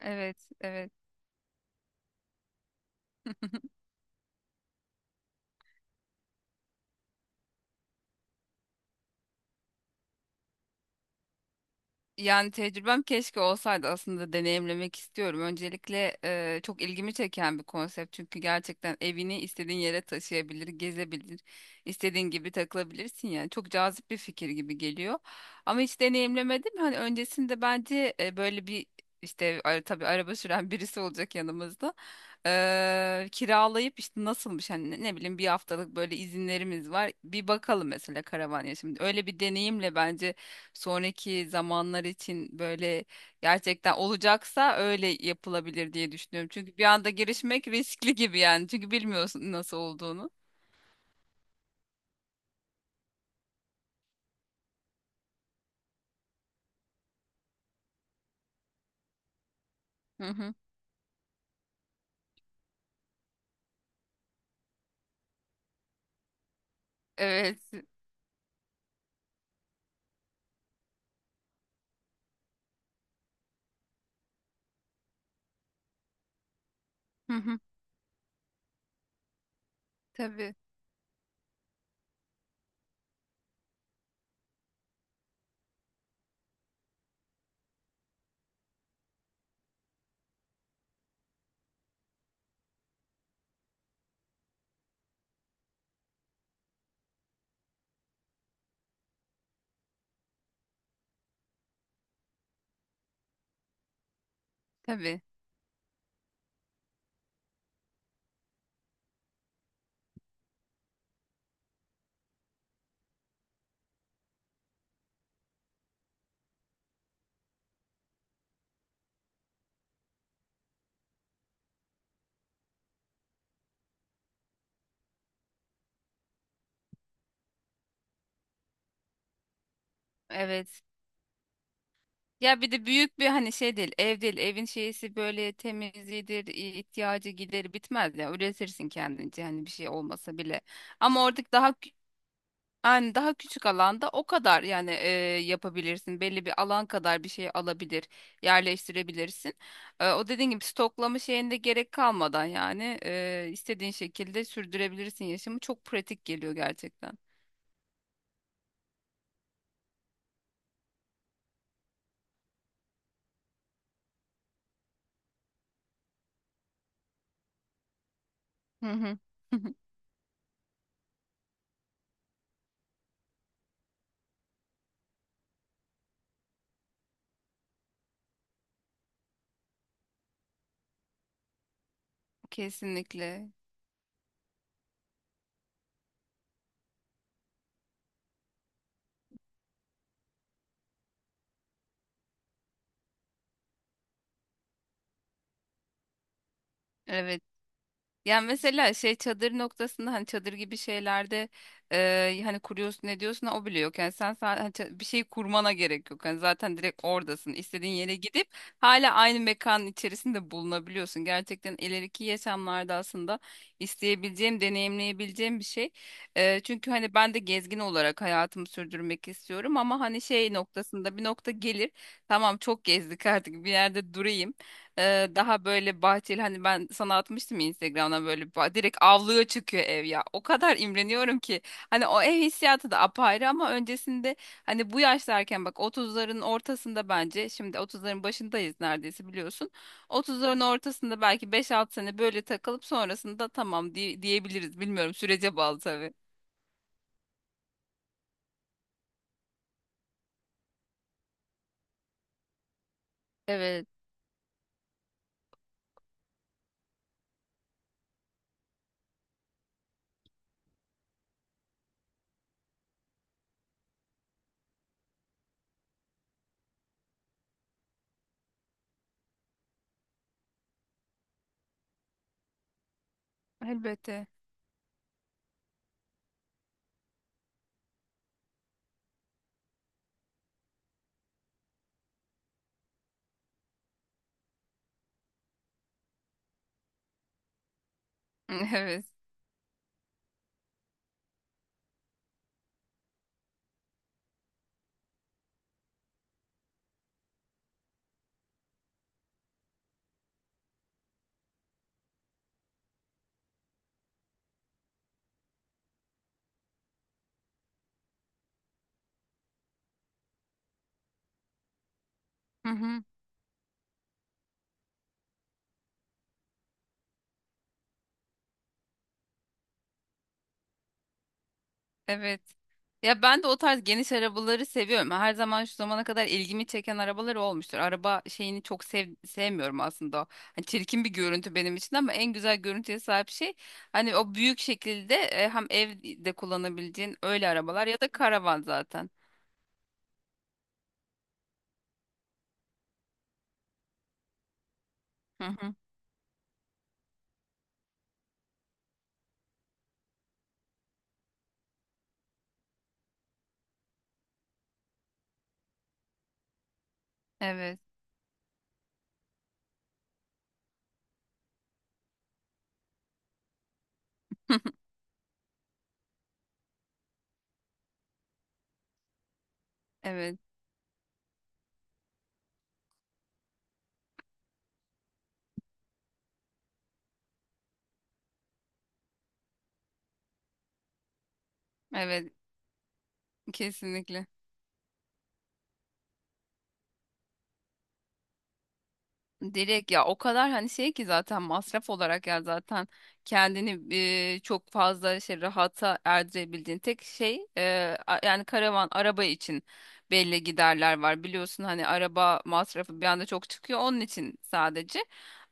Evet, evet. Yani tecrübem keşke olsaydı, aslında deneyimlemek istiyorum. Öncelikle çok ilgimi çeken bir konsept, çünkü gerçekten evini istediğin yere taşıyabilir, gezebilir, istediğin gibi takılabilirsin yani. Çok cazip bir fikir gibi geliyor. Ama hiç deneyimlemedim. Hani öncesinde bence böyle bir işte tabii araba süren birisi olacak yanımızda. Kiralayıp işte nasılmış, hani ne ne bileyim, bir haftalık böyle izinlerimiz var. Bir bakalım mesela karavan ya şimdi. Öyle bir deneyimle bence sonraki zamanlar için böyle gerçekten olacaksa öyle yapılabilir diye düşünüyorum. Çünkü bir anda girişmek riskli gibi yani. Çünkü bilmiyorsun nasıl olduğunu. Hı hı. Evet. Hı hı. Tabii, tabii. Evet. Ya bir de büyük bir hani şey değil, ev değil. Evin şeysi böyle temizliğidir, ihtiyacı, gideri bitmez ya. Üretirsin kendince, hani bir şey olmasa bile. Ama oradaki daha, yani daha küçük alanda o kadar yani, yapabilirsin. Belli bir alan kadar bir şey alabilir, yerleştirebilirsin. O dediğin gibi stoklama şeyinde gerek kalmadan yani istediğin şekilde sürdürebilirsin yaşamı. Çok pratik geliyor gerçekten. Hı hı. Kesinlikle. Evet. Yani mesela şey, çadır noktasında, hani çadır gibi şeylerde hani kuruyorsun ne diyorsun, o bile yok. Yani sen, sa- hani ça- bir şey kurmana gerek yok. Yani zaten direkt oradasın. İstediğin yere gidip hala aynı mekanın içerisinde bulunabiliyorsun. Gerçekten ileriki yaşamlarda aslında isteyebileceğim, deneyimleyebileceğim bir şey. Çünkü hani ben de gezgin olarak hayatımı sürdürmek istiyorum, ama hani şey noktasında bir nokta gelir. Tamam, çok gezdik artık bir yerde durayım. Daha böyle bahçeli, hani ben sana atmıştım ya Instagram'dan, böyle direkt avluya çıkıyor ev ya. O kadar imreniyorum ki, hani o ev hissiyatı da apayrı, ama öncesinde hani bu yaşlarken, bak 30'ların ortasında, bence şimdi 30'ların başındayız neredeyse, biliyorsun. 30'ların ortasında belki 5-6 sene böyle takılıp sonrasında tamam diyebiliriz. Bilmiyorum, sürece bağlı tabii. Evet. Elbette. Evet. Hı hı. Evet. Ya ben de o tarz geniş arabaları seviyorum. Her zaman şu zamana kadar ilgimi çeken arabalar olmuştur. Araba şeyini çok sevmiyorum aslında. Hani çirkin bir görüntü benim için, ama en güzel görüntüye sahip şey, hani o büyük şekilde hem evde kullanabileceğin öyle arabalar ya da karavan zaten. Hı hı. Evet. Evet. Evet. Kesinlikle. Direkt ya, o kadar hani şey ki, zaten masraf olarak ya, zaten kendini çok fazla şey, rahata erdirebildiğin tek şey, yani karavan araba için belli giderler var, biliyorsun, hani araba masrafı bir anda çok çıkıyor, onun için sadece,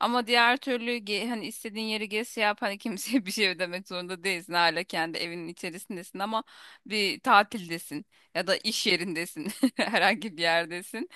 ama diğer türlü hani istediğin yeri gez, şey yap, hani kimseye bir şey ödemek zorunda değilsin, hala kendi evinin içerisindesin, ama bir tatildesin ya da iş yerindesin, herhangi bir yerdesin.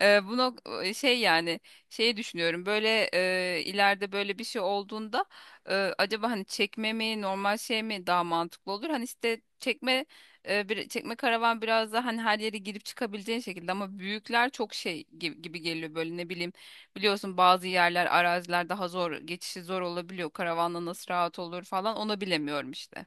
Şey yani, şeyi düşünüyorum böyle, ileride böyle bir şey olduğunda acaba hani çekme mi normal şey mi daha mantıklı olur? Hani işte çekme, çekme karavan biraz daha hani her yere girip çıkabileceğin şekilde, ama büyükler çok şey gibi geliyor, böyle ne bileyim, biliyorsun bazı yerler, araziler daha zor, geçişi zor olabiliyor karavanla, nasıl rahat olur falan, onu bilemiyorum işte.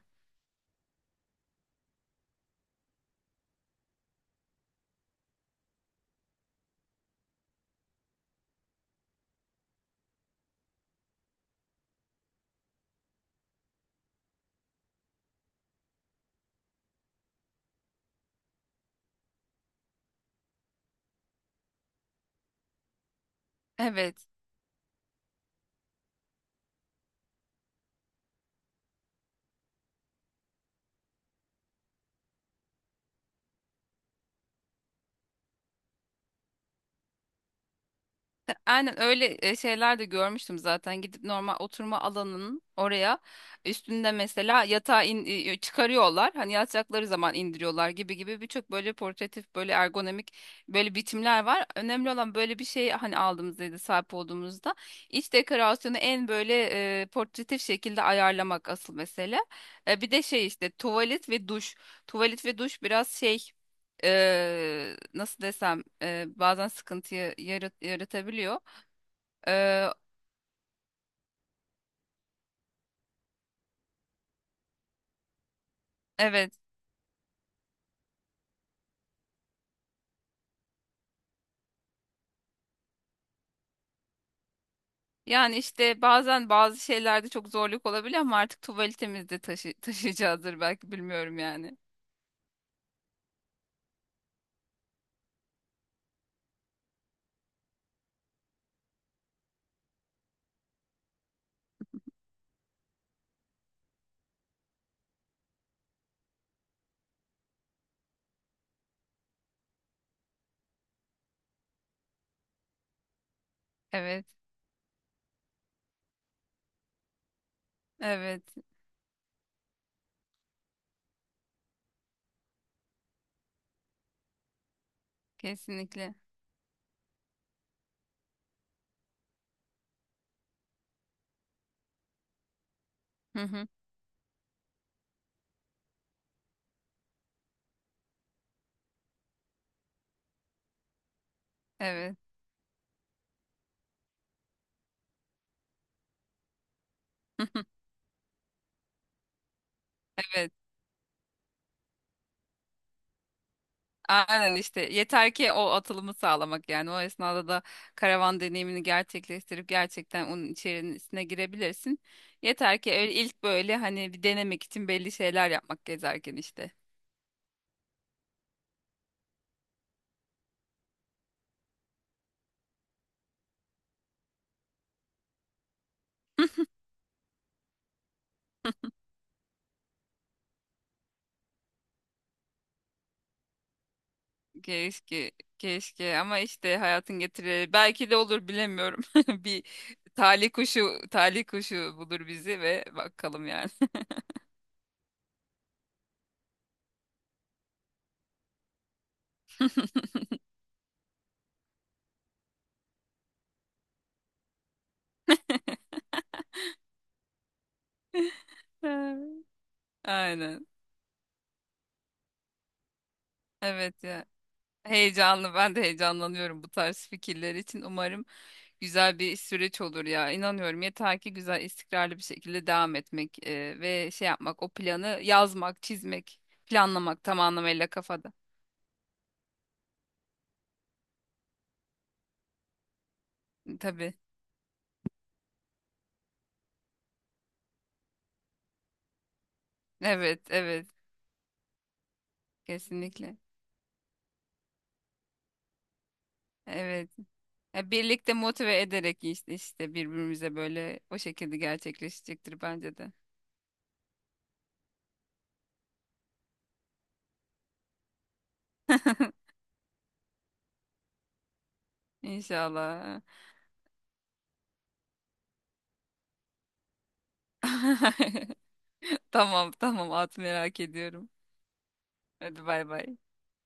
Evet. Aynen, öyle şeyler de görmüştüm zaten. Gidip normal oturma alanının oraya üstünde mesela yatağı çıkarıyorlar. Hani yatacakları zaman indiriyorlar, gibi birçok böyle portatif, böyle ergonomik böyle biçimler var. Önemli olan böyle bir şey, hani aldığımızda, sahip olduğumuzda iç dekorasyonu en böyle portatif şekilde ayarlamak asıl mesele. Bir de şey, işte tuvalet ve duş. Tuvalet ve duş biraz şey, nasıl desem, bazen sıkıntıyı yaratabiliyor. Ee, evet. Yani işte bazen bazı şeylerde çok zorluk olabiliyor, ama artık tuvaletimizde de taşıyacağızdır belki, bilmiyorum yani. Evet. Evet. Kesinlikle. Hı hı. Evet. Evet. Aynen işte, yeter ki o atılımı sağlamak, yani o esnada da karavan deneyimini gerçekleştirip gerçekten onun içerisine girebilirsin. Yeter ki öyle ilk böyle, hani bir denemek için belli şeyler yapmak gezerken işte. Keşke, keşke, ama işte hayatın getirileri belki de olur, bilemiyorum. Bir talih kuşu, talih kuşu bulur bizi ve bakalım yani. Aynen. Evet ya. Heyecanlı. Ben de heyecanlanıyorum bu tarz fikirler için. Umarım güzel bir süreç olur ya. İnanıyorum. Yeter ki güzel, istikrarlı bir şekilde devam etmek ve şey yapmak, o planı yazmak, çizmek, planlamak tam anlamıyla kafada. Tabii. Evet, evet. Kesinlikle. Evet. Ya birlikte motive ederek işte işte birbirimize, böyle o şekilde gerçekleşecektir bence de. İnşallah. Tamam tamam, at, merak ediyorum. Hadi bay bay.